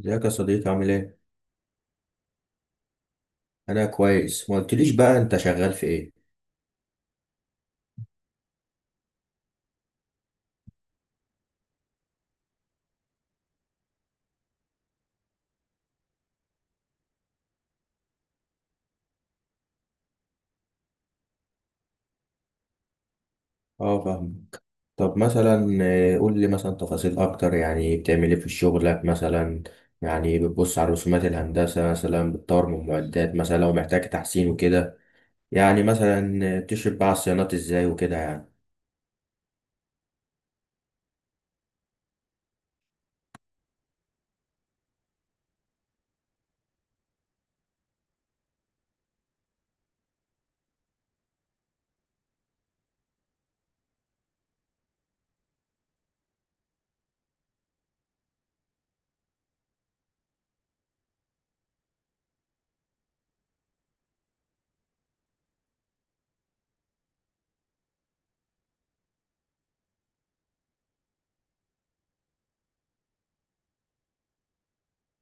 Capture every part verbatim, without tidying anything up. ازيك يا صديقي؟ عامل ايه؟ انا كويس. ما قلتليش بقى، انت شغال في ايه؟ اه، فاهمك. طب مثلا، آه، قول لي مثلا تفاصيل اكتر، يعني بتعمل ايه في شغلك مثلا؟ يعني بتبص على رسومات الهندسة مثلا، بتطور من معدات مثلا لو محتاج تحسين وكده؟ يعني مثلا آه، تشرف بقى على الصيانات ازاي وكده يعني؟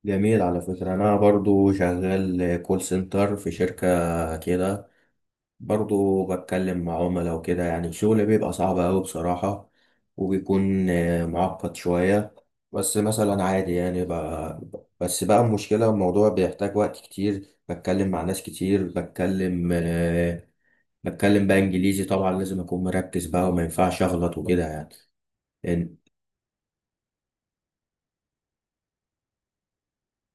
جميل. على فكرة أنا برضو شغال كول سنتر في شركة كده، برضو بتكلم مع عملاء وكده. يعني الشغل بيبقى صعب أوي بصراحة، وبيكون آه، معقد شوية. بس مثلا عادي يعني، ب- بس بقى المشكلة الموضوع بيحتاج وقت كتير، بتكلم مع ناس كتير، بتكلم آه، بتكلم بقى إنجليزي، طبعا لازم أكون مركز بقى وما ينفعش أغلط وكده يعني. لأن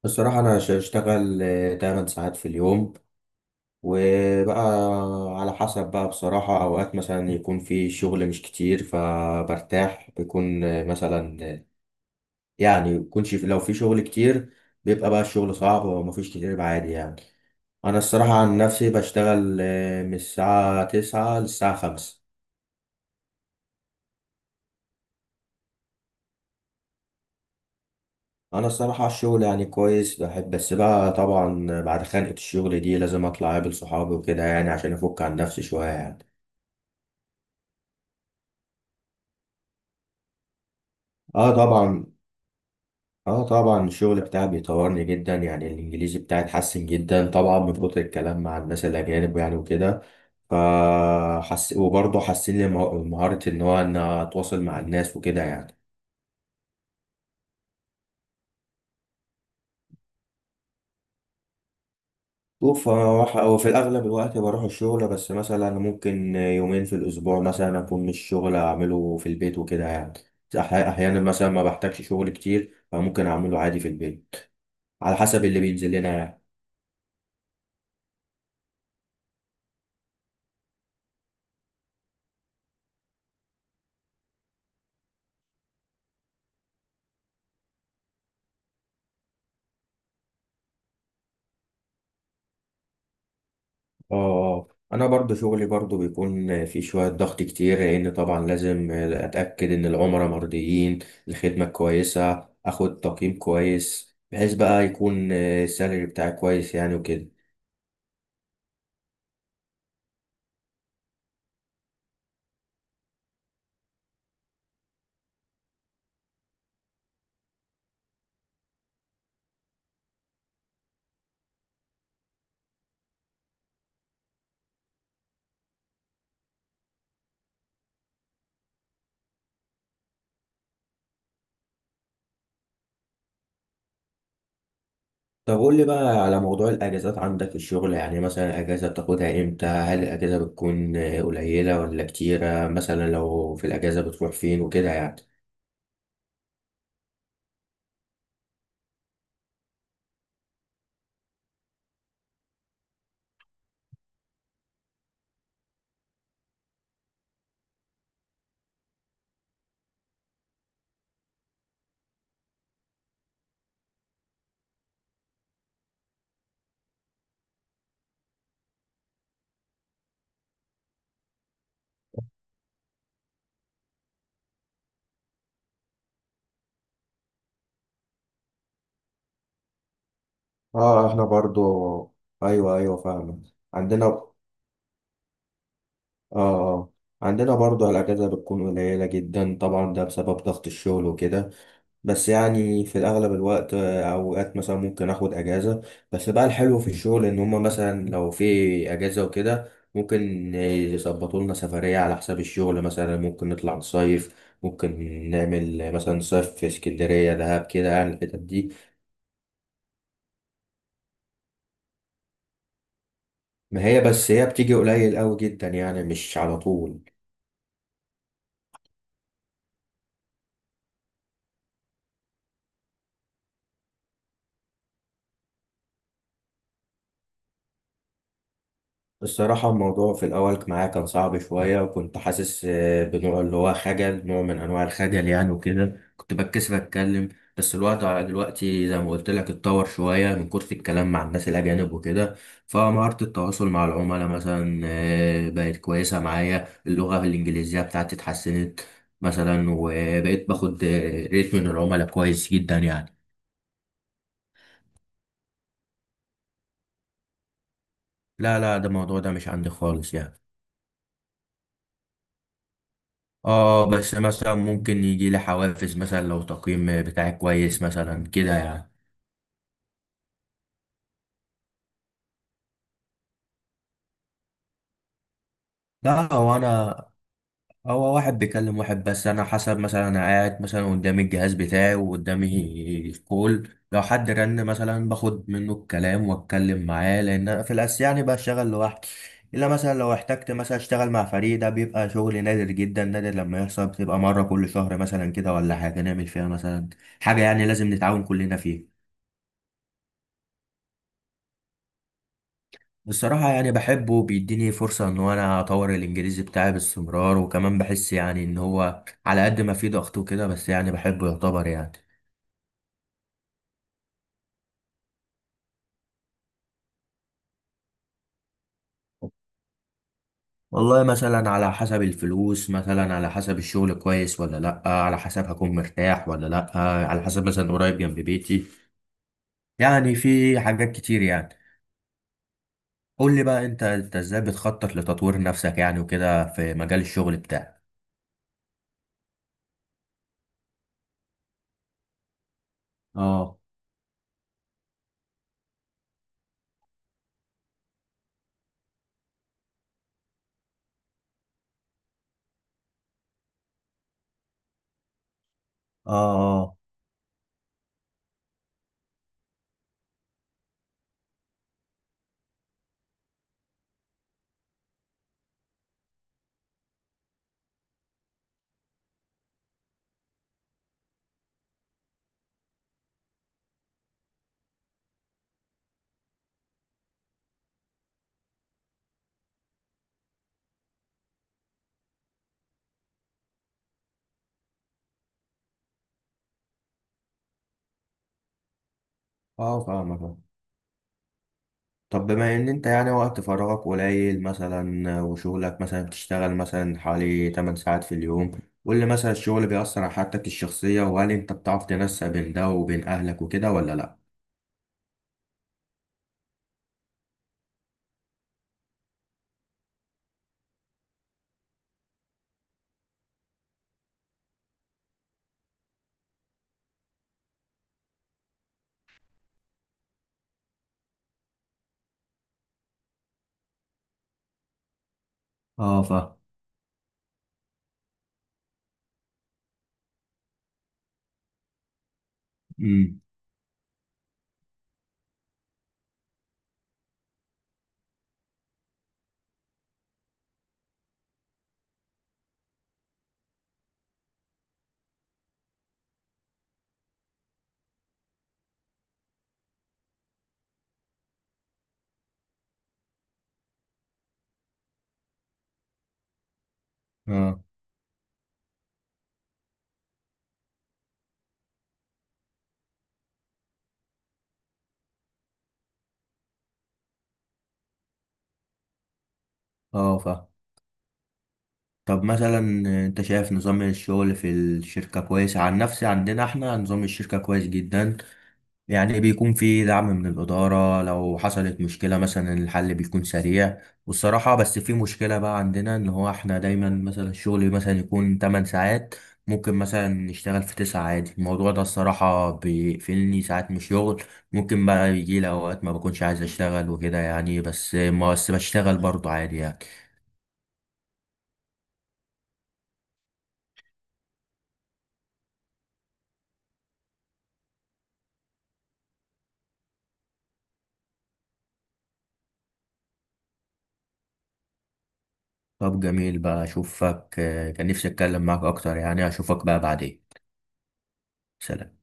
بصراحة أنا ش- بشتغل آه، تمان ساعات في اليوم، وبقى على حسب بقى بصراحة، أوقات مثلا يكون في شغل مش كتير فبرتاح، بيكون مثلا، يعني يكونش لو في شغل كتير بيبقى بقى الشغل صعب، ومفيش كتير يبقى عادي يعني. أنا الصراحة عن نفسي بشتغل آه، من الساعة تسعة للساعة خمسة. أنا الصراحة الشغل يعني كويس، بحب، بس بقى طبعا بعد خانقة الشغل دي لازم أطلع أقابل صحابي وكده يعني، عشان أفك عن نفسي شوية يعني. اه طبعا. اه طبعا، الشغل بتاعي بيطورني جدا يعني، الانجليزي بتاعي اتحسن جدا طبعا من كتر الكلام مع الناس الاجانب يعني وكده. فحس، وبرضه حسن لي مه- مهارة ان هو ان اتواصل مع الناس وكده يعني. شوف، هو ح- هو في الاغلب الوقت بروح الشغل، بس مثلا ممكن يومين في الاسبوع مثلا اكون مش شغل، اعمله في البيت وكده يعني. أح- احيانا مثلا ما بحتاجش شغل كتير فممكن اعمله عادي في البيت، على حسب اللي بينزل لنا يعني. اه، انا برضو شغلي برضو بيكون في شوية ضغط كتير، لان طبعا لازم اتاكد ان العملاء مرضيين، الخدمة كويسة، اخد تقييم كويس بحيث بقى يكون السالري بتاعي كويس يعني وكده. طب قول لي بقى على موضوع الاجازات عندك في الشغل، يعني مثلا الاجازة بتاخدها امتى؟ هل الاجازة بتكون قليلة ولا كتيرة؟ مثلا لو في الاجازة بتروح فين وكده يعني؟ اه، احنا برضو، ايوه ايوه، فاهم. عندنا، اه اه، عندنا برضه الأجازة بتكون قليلة جدا، طبعا ده بسبب ضغط الشغل وكده. بس يعني في الأغلب الوقت آه، أوقات مثلا ممكن آخد أجازة. بس بقى الحلو في الشغل إن هما مثلا لو في أجازة وكده، ممكن يظبطوا لنا سفرية على حساب الشغل. مثلا ممكن نطلع نصيف، ممكن نعمل مثلا صيف في اسكندرية، دهب، كده يعني الحتت دي. ما هي بس هي بتيجي قليل أوي جدا يعني، مش على طول. الصراحة الموضوع في الأول معايا كان صعب شوية، وكنت حاسس آه، بنوع اللي هو خجل، نوع من أنواع الخجل يعني، وكده كنت بتكسف أتكلم. بس الوقت على دلوقتي زي ما قلت لك اتطور شوية، من كتر الكلام مع الناس الأجانب وكده. فمهارة التواصل مع العملاء مثلا آه، بقت كويسة معايا، اللغة الإنجليزية بتاعتي اتحسنت مثلا، وبقيت باخد آه، ريت من العملاء كويس جدا يعني. لا لا، ده الموضوع ده مش عندي خالص يعني. اه، بس مثلا ممكن يجي لي حوافز، مثلا لو تقييم بتاعي كويس مثلا كده يعني. لا، هو انا، هو واحد بيكلم واحد بس. انا حسب مثلا، انا قاعد مثلا قدامي الجهاز بتاعي وقدامي الكول، لو حد رن مثلا باخد منه الكلام واتكلم معاه، لان انا في الاساس يعني بشتغل لوحدي. الا مثلا لو احتجت مثلا اشتغل مع فريق، ده بيبقى شغل نادر جدا. نادر لما يحصل، بتبقى مرة كل شهر مثلا كده، ولا حاجة نعمل فيها مثلا حاجة يعني لازم نتعاون كلنا فيها. بصراحة يعني بحبه، بيديني فرصة إن أنا أطور الإنجليزي بتاعي باستمرار، وكمان بحس يعني إن هو على قد ما فيه ضغط وكده، بس يعني بحبه، يعتبر يعني. والله مثلا على حسب الفلوس، مثلا على حسب الشغل كويس ولا لأ، على حسب هكون مرتاح ولا لأ، على حسب مثلا قريب جنب بيتي، يعني في حاجات كتير يعني. قول لي بقى، أنت أنت إزاي بتخطط لتطوير نفسك يعني وكده في مجال الشغل بتاعك؟ اه اه اه اه فاهمك. طب بما ان انت يعني وقت فراغك قليل مثلا، وشغلك مثلا بتشتغل مثلا حوالي تمان ساعات في اليوم، قول لي مثلا الشغل بيأثر على حياتك الشخصية؟ وهل انت بتعرف تنسق بين ده وبين اهلك وكده ولا لا؟ اه، فاهم. امم. اه اه، فاهم. طب مثلا، انت شايف نظام الشغل في الشركة كويس؟ عن نفسي عندنا احنا نظام الشركة كويس جدا يعني، بيكون في دعم من الإدارة لو حصلت مشكلة، مثلا الحل بيكون سريع. والصراحة بس في مشكلة بقى عندنا، إن هو إحنا دايما مثلا الشغل مثلا يكون تمان ساعات، ممكن مثلا نشتغل في تسعة عادي. الموضوع ده الصراحة بيقفلني ساعات من الشغل، ممكن بقى يجي لي أوقات ما بكونش عايز أشتغل وكده يعني، بس ما بس بشتغل برضه عادي يعني. طب جميل بقى، أشوفك، آه، كان نفسي أتكلم معاك أكتر يعني، أشوفك بقى بعدين. سلام.